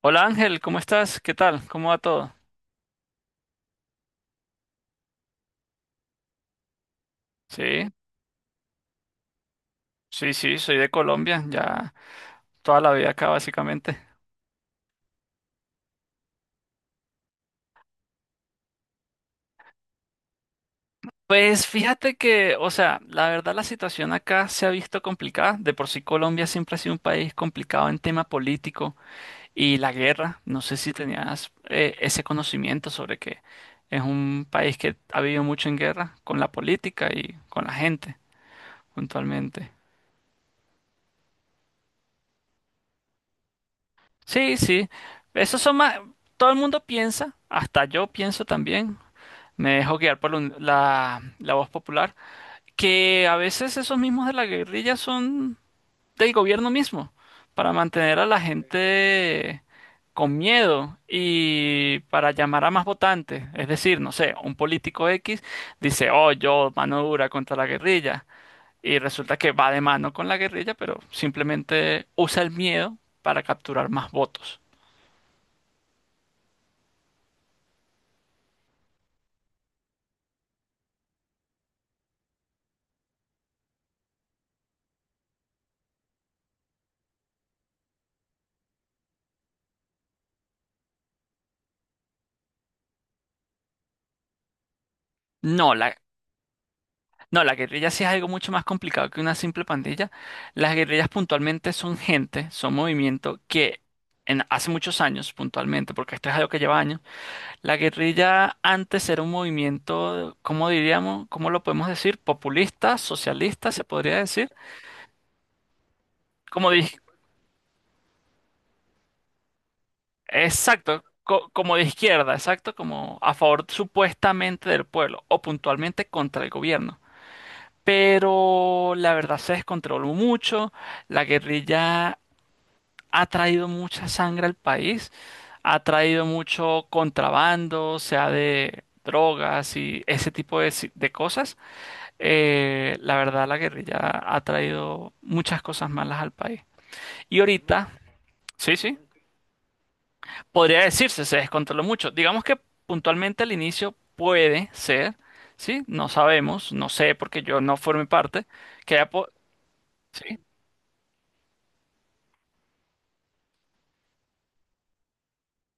Hola Ángel, ¿cómo estás? ¿Qué tal? ¿Cómo va todo? Sí, sí, sí, soy de Colombia, ya toda la vida acá básicamente. Pues fíjate que, o sea, la verdad la situación acá se ha visto complicada. De por sí Colombia siempre ha sido un país complicado en tema político y la guerra. No sé si tenías ese conocimiento sobre que es un país que ha vivido mucho en guerra con la política y con la gente, puntualmente. Sí, sí, esos son más. Todo el mundo piensa, hasta yo pienso también. Me dejo guiar por la voz popular, que a veces esos mismos de la guerrilla son del gobierno mismo, para mantener a la gente con miedo y para llamar a más votantes. Es decir, no sé, un político X dice, oh, yo mano dura contra la guerrilla, y resulta que va de mano con la guerrilla, pero simplemente usa el miedo para capturar más votos. No, la, No, la guerrilla sí es algo mucho más complicado que una simple pandilla. Las guerrillas puntualmente son gente, son movimiento que hace muchos años puntualmente, porque esto es algo que lleva años, la guerrilla antes era un movimiento. ¿Cómo diríamos? ¿Cómo lo podemos decir? Populista, socialista, se podría decir. Como de, exacto, como de izquierda, exacto, como a favor supuestamente del pueblo o puntualmente contra el gobierno. Pero la verdad se descontroló mucho. La guerrilla ha traído mucha sangre al país, ha traído mucho contrabando, sea de drogas y ese tipo de, de cosas. La verdad, la guerrilla ha traído muchas cosas malas al país. Y ahorita, sí, sí, podría decirse, se descontroló mucho. Digamos que puntualmente al inicio puede ser, sí, no sabemos, no sé, porque yo no formé parte, que haya... sí.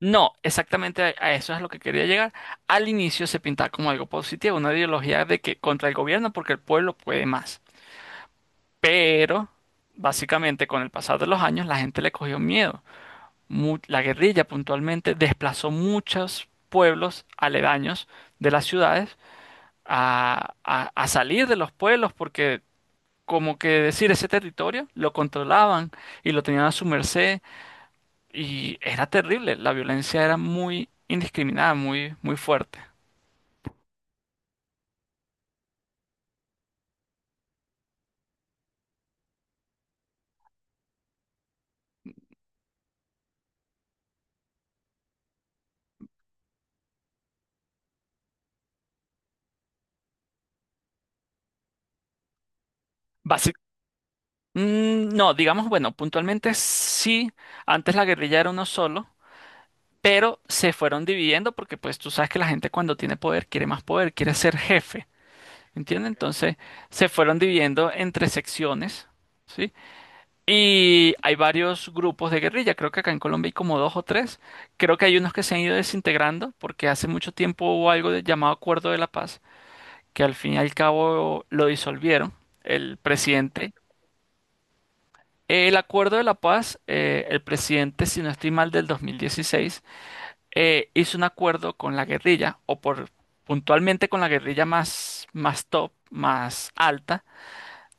No, exactamente a eso es lo que quería llegar. Al inicio se pintaba como algo positivo, una ideología de que contra el gobierno porque el pueblo puede más. Pero, básicamente, con el pasar de los años, la gente le cogió miedo. La guerrilla puntualmente desplazó muchos pueblos aledaños de las ciudades a salir de los pueblos porque, como que decir, ese territorio lo controlaban y lo tenían a su merced. Y era terrible, la violencia era muy indiscriminada, muy, muy fuerte. Basi- no, digamos, bueno, puntualmente sí, antes la guerrilla era uno solo, pero se fueron dividiendo porque pues tú sabes que la gente cuando tiene poder quiere más poder, quiere ser jefe. ¿Entiendes? Entonces se fueron dividiendo entre secciones, ¿sí? Y hay varios grupos de guerrilla, creo que acá en Colombia hay como dos o tres, creo que hay unos que se han ido desintegrando porque hace mucho tiempo hubo algo llamado Acuerdo de la Paz que al fin y al cabo lo disolvieron, el presidente. El acuerdo de la paz, el presidente, si no estoy mal, del 2016, hizo un acuerdo con la guerrilla, o por puntualmente con la guerrilla más, más top, más alta,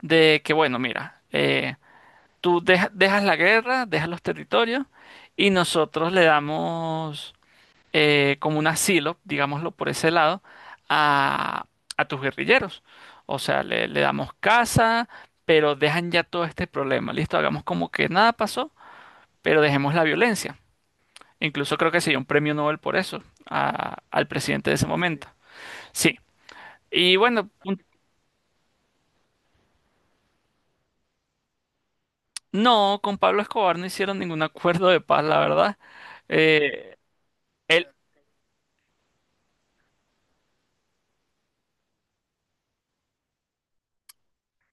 de que, bueno, mira, tú dejas la guerra, dejas los territorios, y nosotros le damos como un asilo, digámoslo por ese lado, a, a tus guerrilleros. O sea, le damos casa, pero dejan ya todo este problema. Listo, hagamos como que nada pasó, pero dejemos la violencia. Incluso creo que se dio un premio Nobel por eso al presidente de ese momento. Sí. Y bueno, un- no, con Pablo Escobar no hicieron ningún acuerdo de paz, la verdad. Eh, él.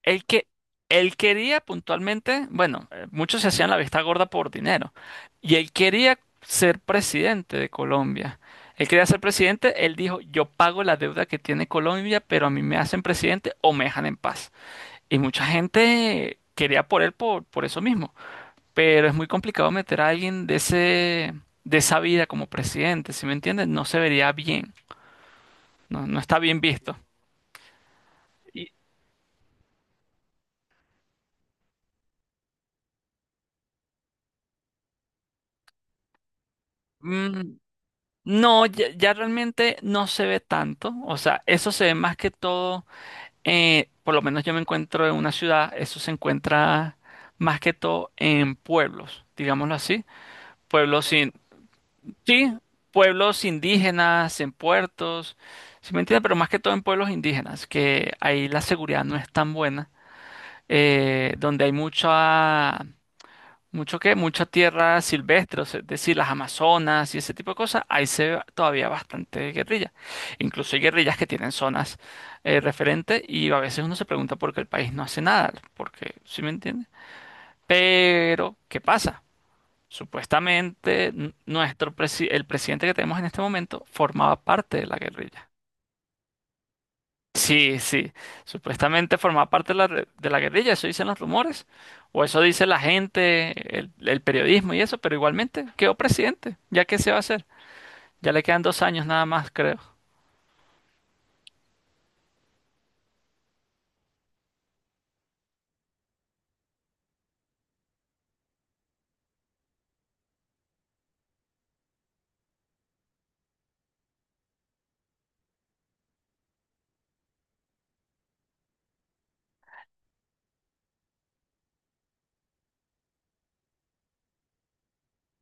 Él que él quería puntualmente, bueno, muchos se hacían la vista gorda por dinero, y él quería ser presidente de Colombia. Él quería ser presidente, él dijo, yo pago la deuda que tiene Colombia, pero a mí me hacen presidente o me dejan en paz. Y mucha gente quería por él por eso mismo, pero es muy complicado meter a alguien de ese, de esa vida como presidente. ¿Sí me entiendes? No se vería bien, no, no está bien visto. Y, mm, No, ya, ya realmente no se ve tanto. O sea, eso se ve más que todo, por lo menos yo me encuentro en una ciudad, eso se encuentra más que todo en pueblos, digámoslo así. Pueblos sin, sí, pueblos indígenas, en puertos. ¿Sí, me entiendes? Pero más que todo en pueblos indígenas, que ahí la seguridad no es tan buena, donde hay mucha mucha tierra silvestre, o sea, es decir, las Amazonas y ese tipo de cosas, ahí se ve todavía bastante guerrilla. Incluso hay guerrillas que tienen zonas referentes y a veces uno se pregunta por qué el país no hace nada, porque, ¿sí me entiende? Pero, ¿qué pasa? Supuestamente el presidente que tenemos en este momento formaba parte de la guerrilla. Sí, sí. Supuestamente formaba parte de la, de la guerrilla, eso dicen los rumores. O eso dice la gente, el periodismo y eso, pero igualmente quedó presidente. ¿Ya qué se va a hacer? Ya le quedan dos años nada más, creo.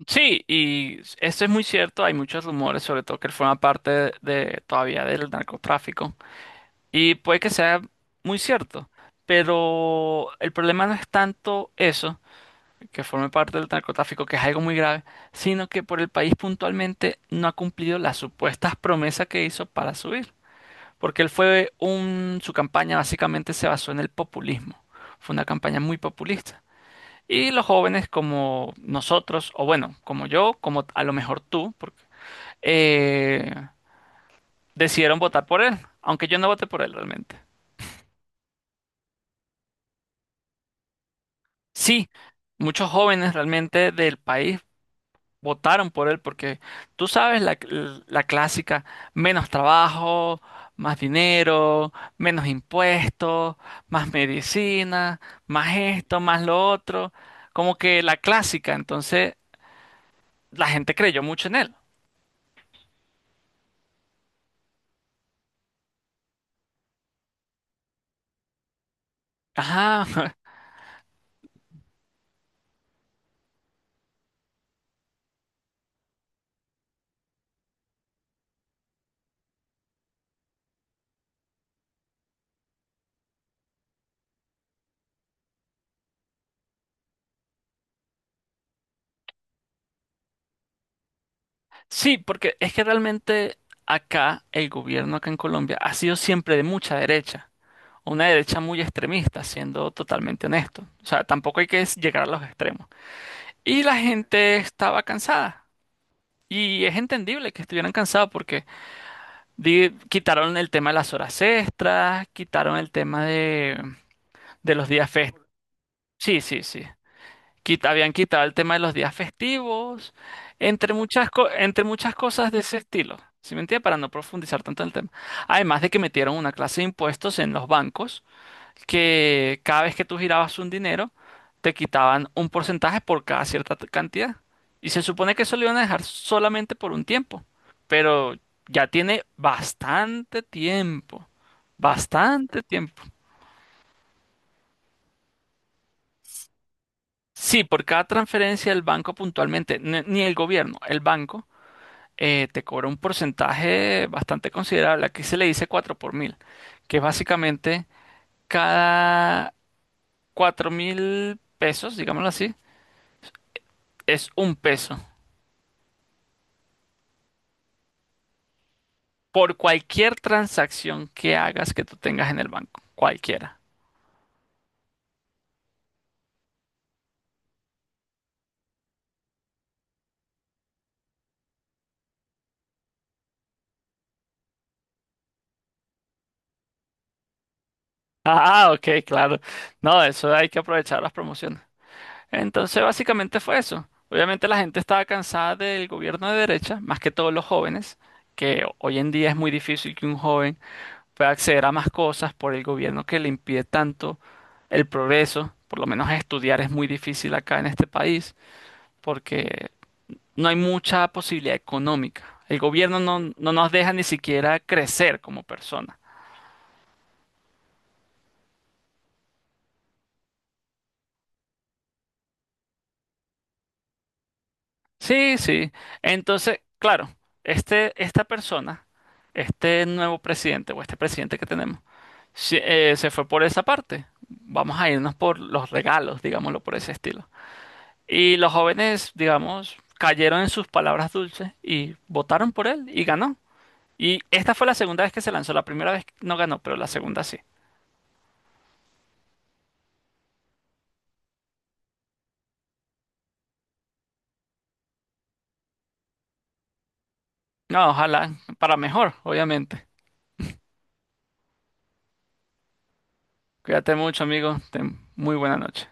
Sí, y esto es muy cierto, hay muchos rumores, sobre todo que él forma parte de, todavía del narcotráfico, y puede que sea muy cierto, pero el problema no es tanto eso, que forme parte del narcotráfico, que es algo muy grave, sino que por el país puntualmente no ha cumplido las supuestas promesas que hizo para subir. Porque él fue un, su campaña básicamente se basó en el populismo. Fue una campaña muy populista. Y los jóvenes como nosotros, o bueno, como yo, como a lo mejor tú, porque, eh, decidieron votar por él, aunque yo no voté por él realmente. Sí, muchos jóvenes realmente del país votaron por él porque tú sabes la, la clásica, menos trabajo, más dinero, menos impuestos, más medicina, más esto, más lo otro, como que la clásica, entonces la gente creyó mucho en él. Ajá, sí, porque es que realmente acá el gobierno acá en Colombia ha sido siempre de mucha derecha, una derecha muy extremista, siendo totalmente honesto. O sea, tampoco hay que llegar a los extremos. Y la gente estaba cansada. Y es entendible que estuvieran cansados porque quitaron el tema de las horas extras, quitaron el tema de los días festivos. Sí, sí, sí. Habían quitado el tema de los días festivos, entre muchas, entre muchas cosas de ese estilo. ¿Sí me entiendes? Para no profundizar tanto en el tema. Además de que metieron una clase de impuestos en los bancos que cada vez que tú girabas un dinero, te quitaban un porcentaje por cada cierta cantidad. Y se supone que eso lo iban a dejar solamente por un tiempo. Pero ya tiene bastante tiempo. Bastante tiempo. Sí, por cada transferencia el banco puntualmente, ni el gobierno, el banco, te cobra un porcentaje bastante considerable. Aquí se le dice 4 por 1000, que es básicamente cada 4000 pesos, digámoslo así, es un peso. Por cualquier transacción que hagas que tú tengas en el banco, cualquiera. Ah, ok, claro. No, eso hay que aprovechar las promociones. Entonces, básicamente fue eso. Obviamente la gente estaba cansada del gobierno de derecha, más que todos los jóvenes, que hoy en día es muy difícil que un joven pueda acceder a más cosas por el gobierno que le impide tanto el progreso. Por lo menos estudiar es muy difícil acá en este país, porque no hay mucha posibilidad económica. El gobierno no, no nos deja ni siquiera crecer como persona. Sí, sí. Entonces, claro, este, esta persona, este nuevo presidente o este presidente que tenemos, se fue por esa parte. Vamos a irnos por los regalos, digámoslo por ese estilo. Y los jóvenes, digamos, cayeron en sus palabras dulces y votaron por él y ganó. Y esta fue la segunda vez que se lanzó. La primera vez no ganó, pero la segunda sí. No, ojalá para mejor, obviamente. Cuídate mucho, amigo. Ten muy buena noche.